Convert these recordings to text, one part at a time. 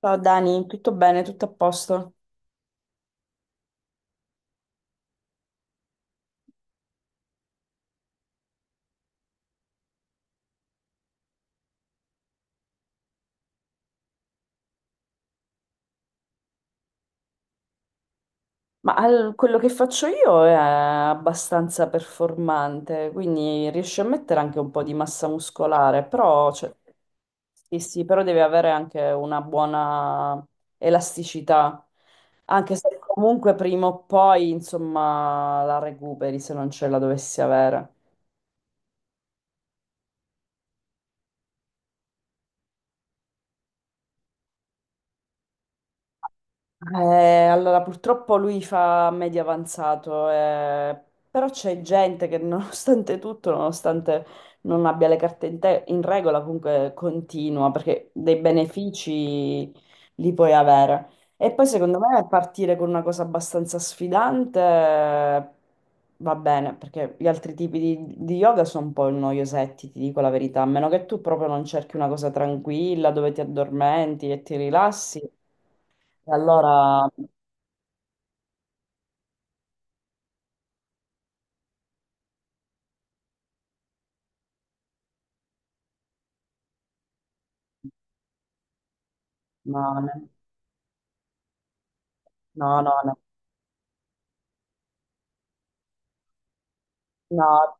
Ciao Dani, tutto bene, tutto a posto? Ma quello che faccio io è abbastanza performante, quindi riesci a mettere anche un po' di massa muscolare, però, cioè, sì, sì, però deve avere anche una buona elasticità, anche se comunque prima o poi, insomma, la recuperi se non ce la dovessi avere. Allora, purtroppo lui fa medio avanzato, però c'è gente che nonostante tutto, nonostante non abbia le carte in regola, comunque continua, perché dei benefici li puoi avere. E poi secondo me partire con una cosa abbastanza sfidante va bene, perché gli altri tipi di yoga sono un po' noiosetti, ti dico la verità, a meno che tu proprio non cerchi una cosa tranquilla dove ti addormenti e ti rilassi. E allora. No, no, no, no, no. No.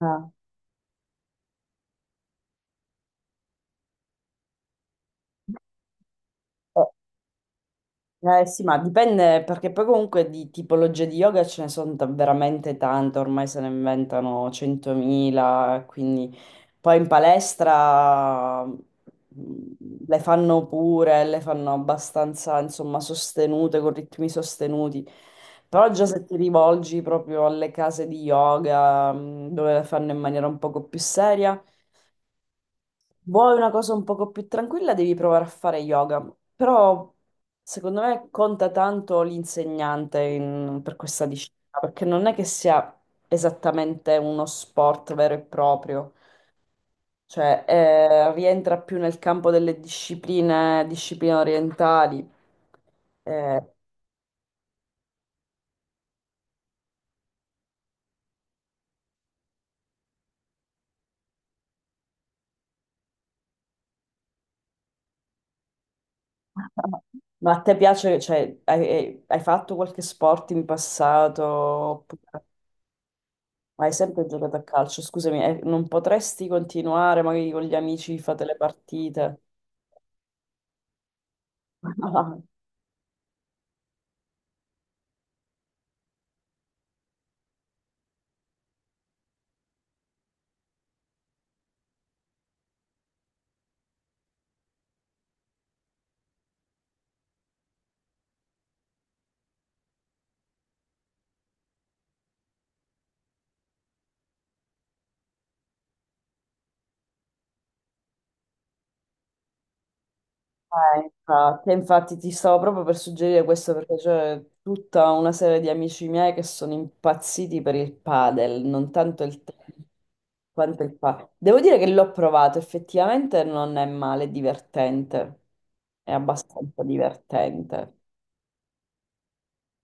Ah, sì, ma dipende perché poi comunque di tipologie di yoga ce ne sono veramente tante, ormai se ne inventano 100.000, quindi poi in palestra le fanno pure, le fanno abbastanza, insomma, sostenute, con ritmi sostenuti. Però già se ti rivolgi proprio alle case di yoga, dove le fanno in maniera un poco più seria. Vuoi una cosa un poco più tranquilla, devi provare a fare yoga, però secondo me conta tanto l'insegnante per questa disciplina, perché non è che sia esattamente uno sport vero e proprio, cioè rientra più nel campo delle discipline, discipline orientali. Eh, ma a te piace, cioè, hai fatto qualche sport in passato? Ma hai sempre giocato a calcio? Scusami, non potresti continuare magari con gli amici, fate le partite? Ah, infatti, infatti ti stavo proprio per suggerire questo perché c'è tutta una serie di amici miei che sono impazziti per il padel, non tanto il tennis quanto il padel. Devo dire che l'ho provato, effettivamente non è male, è divertente, è abbastanza divertente.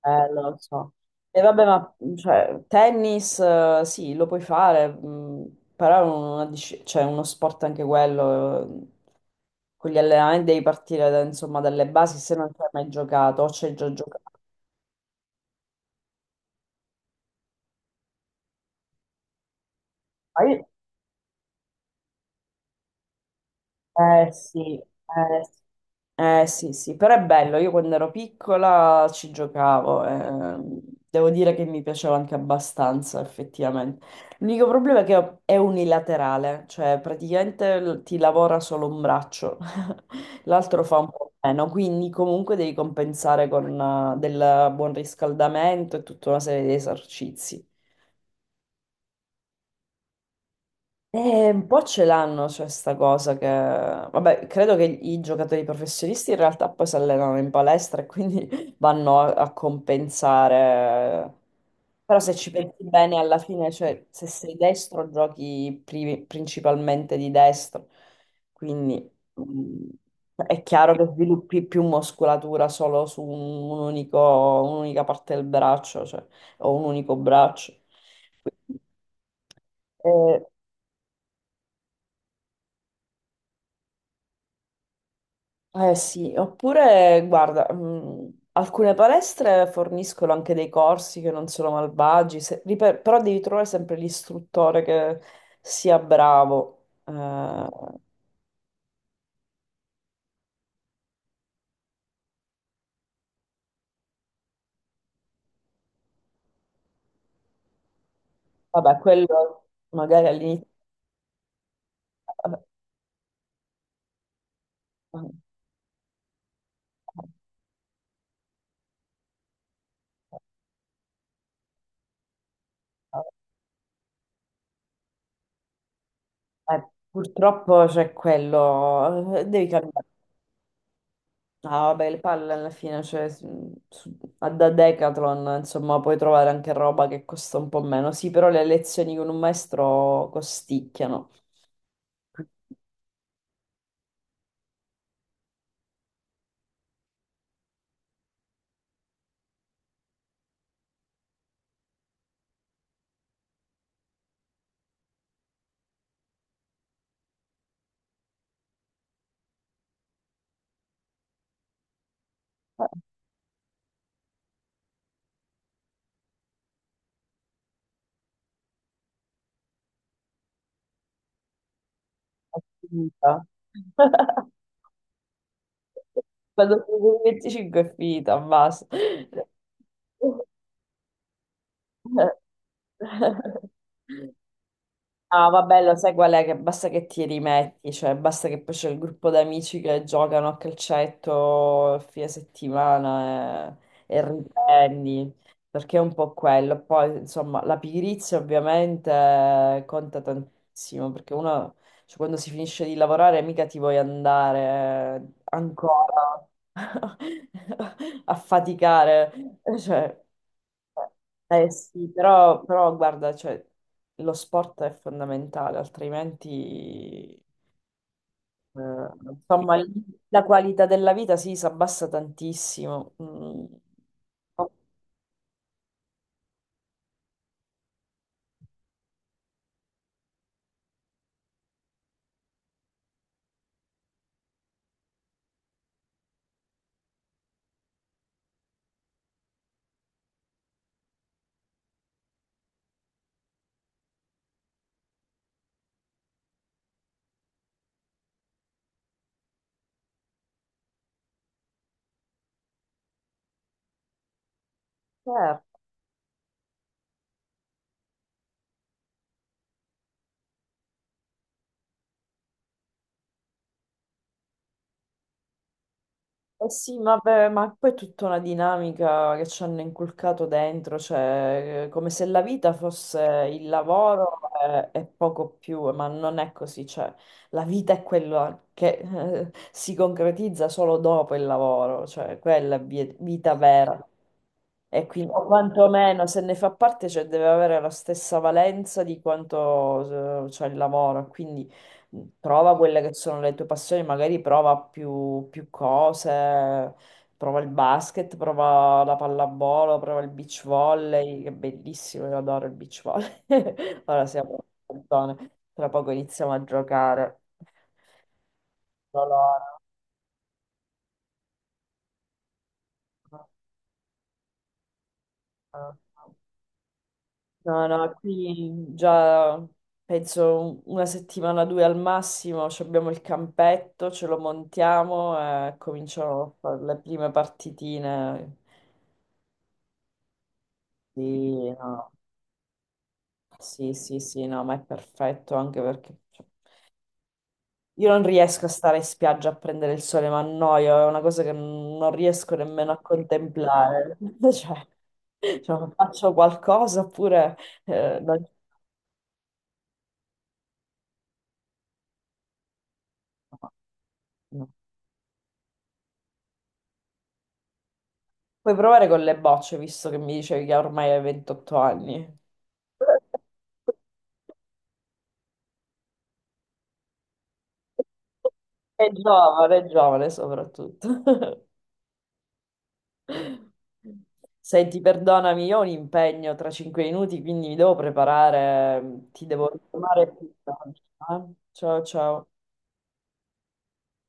Lo so. E vabbè, ma cioè, tennis, sì, lo puoi fare, però è una cioè, uno sport anche quello, con gli allenamenti devi partire insomma dalle basi se non ci hai mai giocato o ci hai già giocato. Ma io- Eh sì, eh, Eh sì, sì, però è bello, io quando ero piccola ci giocavo, devo dire che mi piaceva anche abbastanza effettivamente. L'unico problema è che è unilaterale, cioè praticamente ti lavora solo un braccio, l'altro fa un po' meno, quindi comunque devi compensare con del buon riscaldamento e tutta una serie di esercizi. Un po' ce l'hanno, cioè, sta cosa che... Vabbè, credo che i giocatori professionisti in realtà poi si allenano in palestra e quindi vanno a compensare. Però se ci pensi bene, alla fine, cioè, se sei destro, giochi principalmente di destro. Quindi mm, è chiaro che sviluppi più muscolatura solo su un unico, un'unica parte del braccio, cioè, o un unico braccio. Quindi, eh, Eh sì, oppure guarda, alcune palestre forniscono anche dei corsi che non sono malvagi, però devi trovare sempre l'istruttore che sia bravo. Vabbè, quello magari all'inizio... Vabbè, purtroppo c'è quello, devi cambiare. Ah, vabbè, le palle alla fine, cioè, da Decathlon, insomma, puoi trovare anche roba che costa un po' meno. Sì, però le lezioni con un maestro costicchiano. Eh, È finita. Quando sono 25 è finita, basta. Ah, vabbè, lo sai qual è? Che basta che ti rimetti, cioè basta che poi c'è il gruppo d'amici che giocano a calcetto a fine settimana e riprendi, perché è un po' quello. Poi, insomma, la pigrizia ovviamente conta tantissimo, perché uno, cioè, quando si finisce di lavorare mica ti vuoi andare ancora a faticare, cioè... Eh sì, però guarda, cioè, lo sport è fondamentale, altrimenti, Eh, insomma, la qualità della vita sì, si abbassa tantissimo. Mm. Certo. Eh sì, ma, beh, ma poi è tutta una dinamica che ci hanno inculcato dentro, cioè come se la vita fosse il lavoro e poco più, ma non è così, cioè la vita è quella che si concretizza solo dopo il lavoro, cioè quella è vita vera. E quindi, o quantomeno, se ne fa parte, cioè, deve avere la stessa valenza di quanto c'è il lavoro. Quindi prova quelle che sono le tue passioni, magari prova più cose, prova il basket, prova la pallavolo, prova il beach volley, che è bellissimo, io adoro il beach volley. Ora siamo in zone, tra poco iniziamo a giocare. Allora, no, no, qui già penso una settimana, due al massimo, ci abbiamo il campetto, ce lo montiamo e cominciamo a fare le prime partitine. Sì, no. Sì, sì, sì, no, ma è perfetto anche perché cioè, io non riesco a stare in spiaggia a prendere il sole, ma annoio, è una cosa che non riesco nemmeno a contemplare. Cioè, faccio qualcosa oppure eh, non- no, no. Puoi provare con le bocce, visto che mi dicevi che ormai hai 28 anni. È giovane soprattutto. Senti, perdonami, io ho un impegno tra 5 minuti, quindi mi devo preparare. Ti devo chiamare più tardi. Eh? Ciao, ciao.